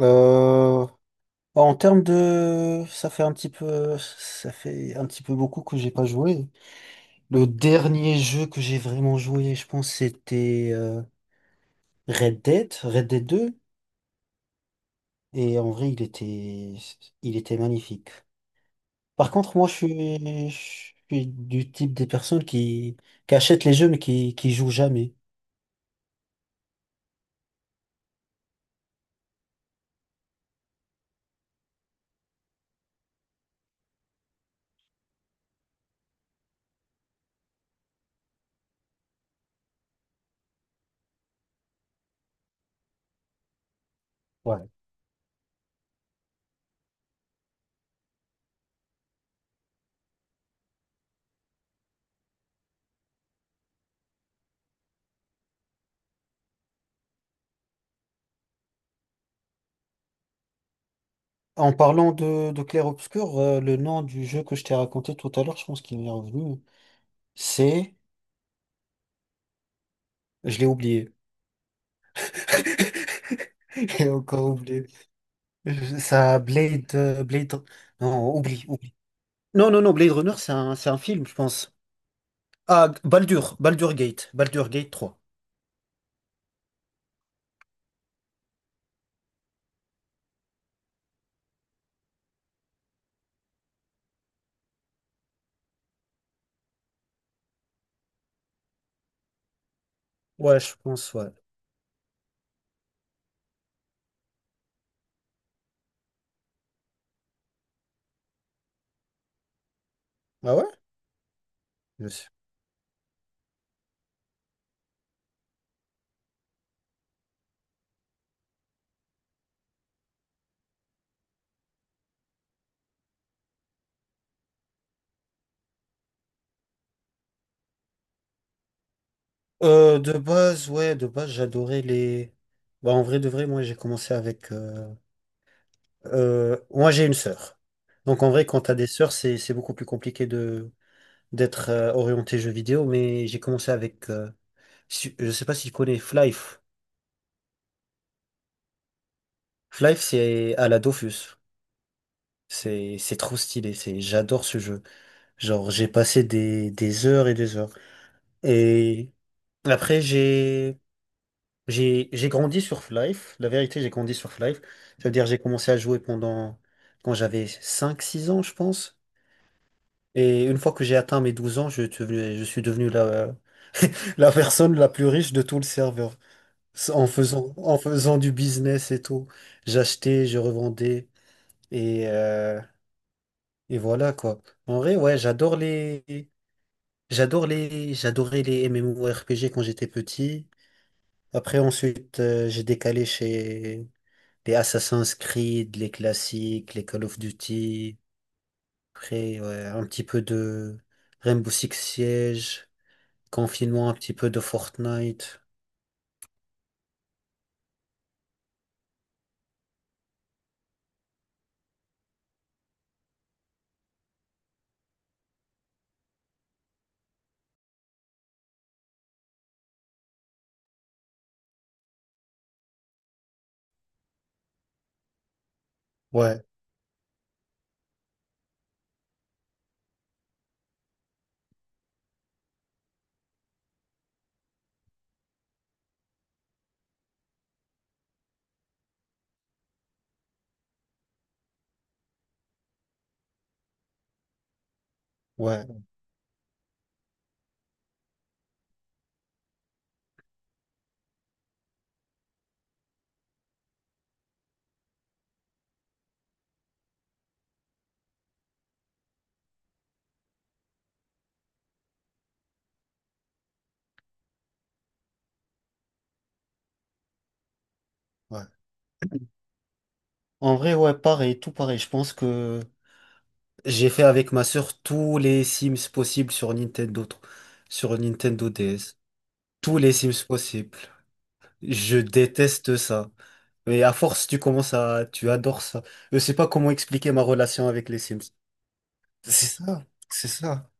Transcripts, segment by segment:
Euh, Bah, ça fait un petit peu beaucoup que j'ai pas joué. Le dernier jeu que j'ai vraiment joué, je pense, c'était Red Dead deux. Et en vrai, il était magnifique. Par contre, moi, je suis du type des personnes qui achètent les jeux mais qui jouent jamais. Voilà. En parlant de Clair-Obscur, le nom du jeu que je t'ai raconté tout à l'heure, je pense qu'il m'est revenu. C'est, je l'ai oublié. J'ai encore oublié. Blade. Non, oublie, oublie. Non, non, non, Blade Runner, c'est un film, je pense. Ah, Baldur Gate 3. Ouais, je pense, ouais. Ah ouais? Je sais. De base, ouais, de base, j'adorais les. Bah, en vrai, de vrai, moi, j'ai commencé avec. Moi, j'ai une sœur. Donc, en vrai, quand t'as des sœurs, c'est beaucoup plus compliqué de d'être orienté jeu vidéo, mais j'ai commencé avec. Je sais pas si tu connais Flife. Half-Life, c'est à la Dofus. C'est trop stylé. J'adore ce jeu. Genre, j'ai passé des heures. Et après, j'ai grandi sur Half-Life. La vérité, j'ai grandi sur Half-Life. Ça veut dire, j'ai commencé à jouer pendant, quand j'avais 5-6 ans, je pense. Et une fois que j'ai atteint mes 12 ans, je suis devenu la, la personne la plus riche de tout le serveur. En faisant du business et tout. J'achetais, je revendais. Et, euh, Et voilà quoi. En vrai, ouais, j'adorais les MMORPG quand j'étais petit. Après, ensuite, j'ai décalé chez les Assassin's Creed, les classiques, les Call of Duty. Après, ouais, un petit peu de Rainbow Six Siege, confinement, un petit peu de Fortnite. Ouais, ouais, ouais. En vrai, ouais, pareil, tout pareil. Je pense que j'ai fait avec ma sœur tous les Sims possibles sur Nintendo DS. Tous les Sims possibles. Je déteste ça. Mais à force, tu commences à, tu adores ça. Je sais pas comment expliquer ma relation avec les Sims. C'est ça, c'est ça,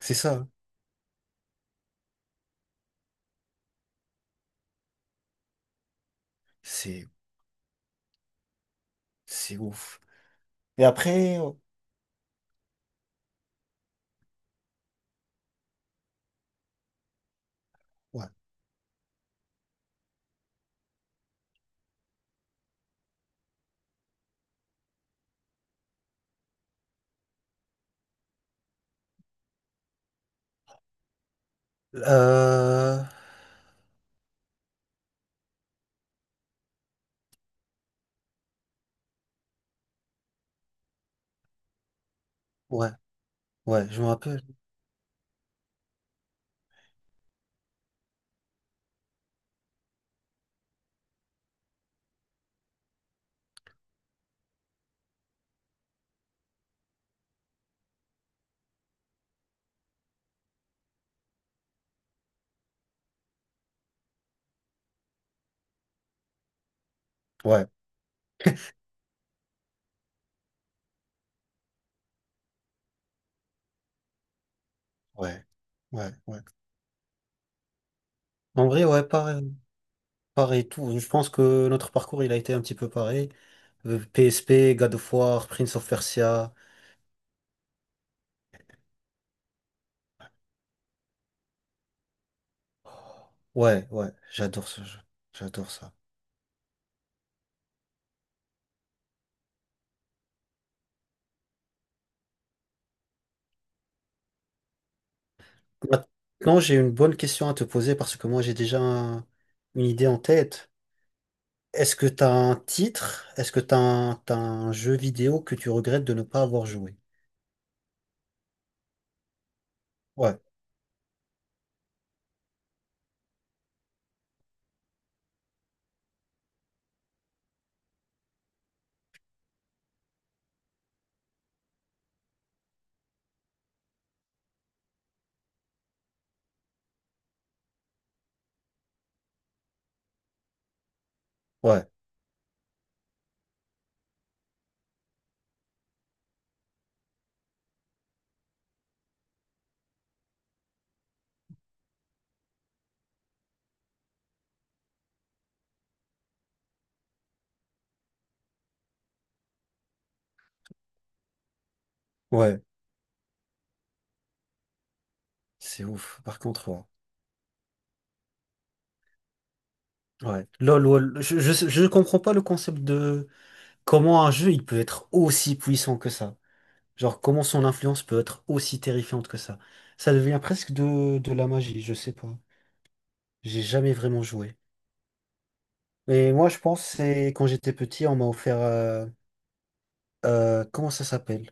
c'est ça. C'est, c'est ouf. Et après, ouais. Euh, ouais, ouais, je me rappelle. Ouais, ouais, ouais, ouais. En vrai, ouais, pareil, pareil tout. Je pense que notre parcours, il a été un petit peu pareil. PSP, God of War, Prince of Persia. Ouais, ouais, j'adore ce jeu. J'adore ça. Maintenant, j'ai une bonne question à te poser parce que moi, j'ai déjà une idée en tête. Est-ce que t'as un titre? Est-ce que t'as un jeu vidéo que tu regrettes de ne pas avoir joué? Ouais, ouais, ouais. C'est ouf. Par contre, ouais. Ouais. LOL, lol. Je comprends pas le concept de comment un jeu, il peut être aussi puissant que ça. Genre, comment son influence peut être aussi terrifiante que ça. Ça devient presque de la magie, je sais pas. J'ai jamais vraiment joué. Et moi, je pense, c'est quand j'étais petit, on m'a offert. Comment ça s'appelle?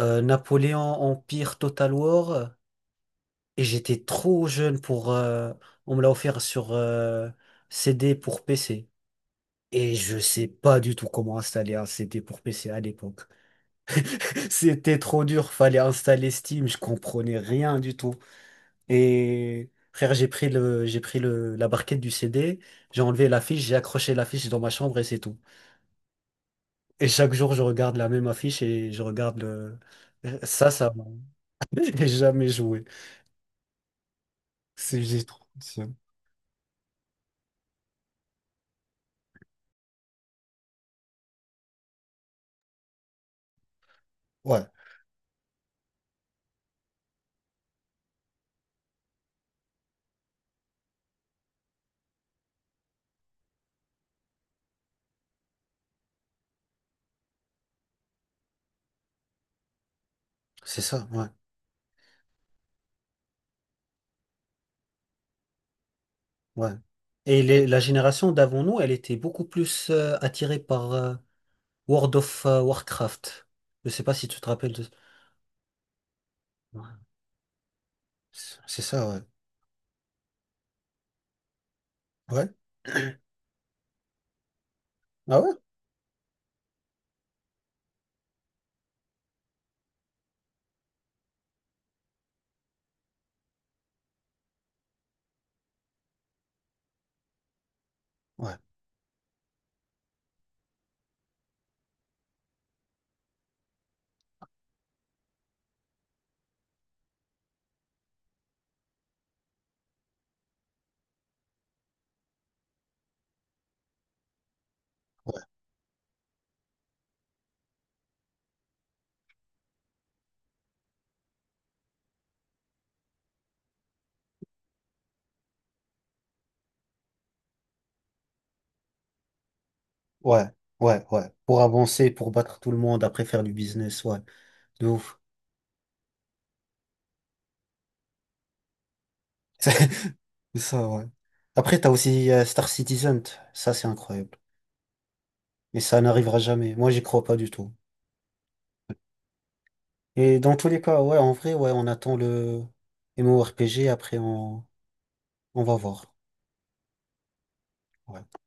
Napoléon Empire Total War. Et j'étais trop jeune pour. On me l'a offert sur CD pour PC. Et je sais pas du tout comment installer un CD pour PC à l'époque. C'était trop dur, fallait installer Steam, je comprenais rien du tout. Et frère, la barquette du CD, j'ai enlevé l'affiche, j'ai accroché l'affiche dans ma chambre et c'est tout. Et chaque jour, je regarde la même affiche et je regarde le. Ça J'ai jamais joué. C'est j'ai trop. Ouais, c'est ça, ouais, ouais. La génération d'avant nous, elle était beaucoup plus attirée par World of Warcraft. Je sais pas si tu te rappelles de. Ouais, c'est ça, ouais. Ouais? Ah ouais? Ouais, ouais, ouais, ouais, ouais. Pour avancer, pour battre tout le monde, après faire du business, ouais. De ouf. C'est c'est ça, ouais. Après, t'as aussi Star Citizen. Ça, c'est incroyable. Mais ça n'arrivera jamais. Moi, j'y crois pas du tout. Et dans tous les cas, ouais, en vrai, ouais, on attend le MMORPG, après on va voir. Ouais.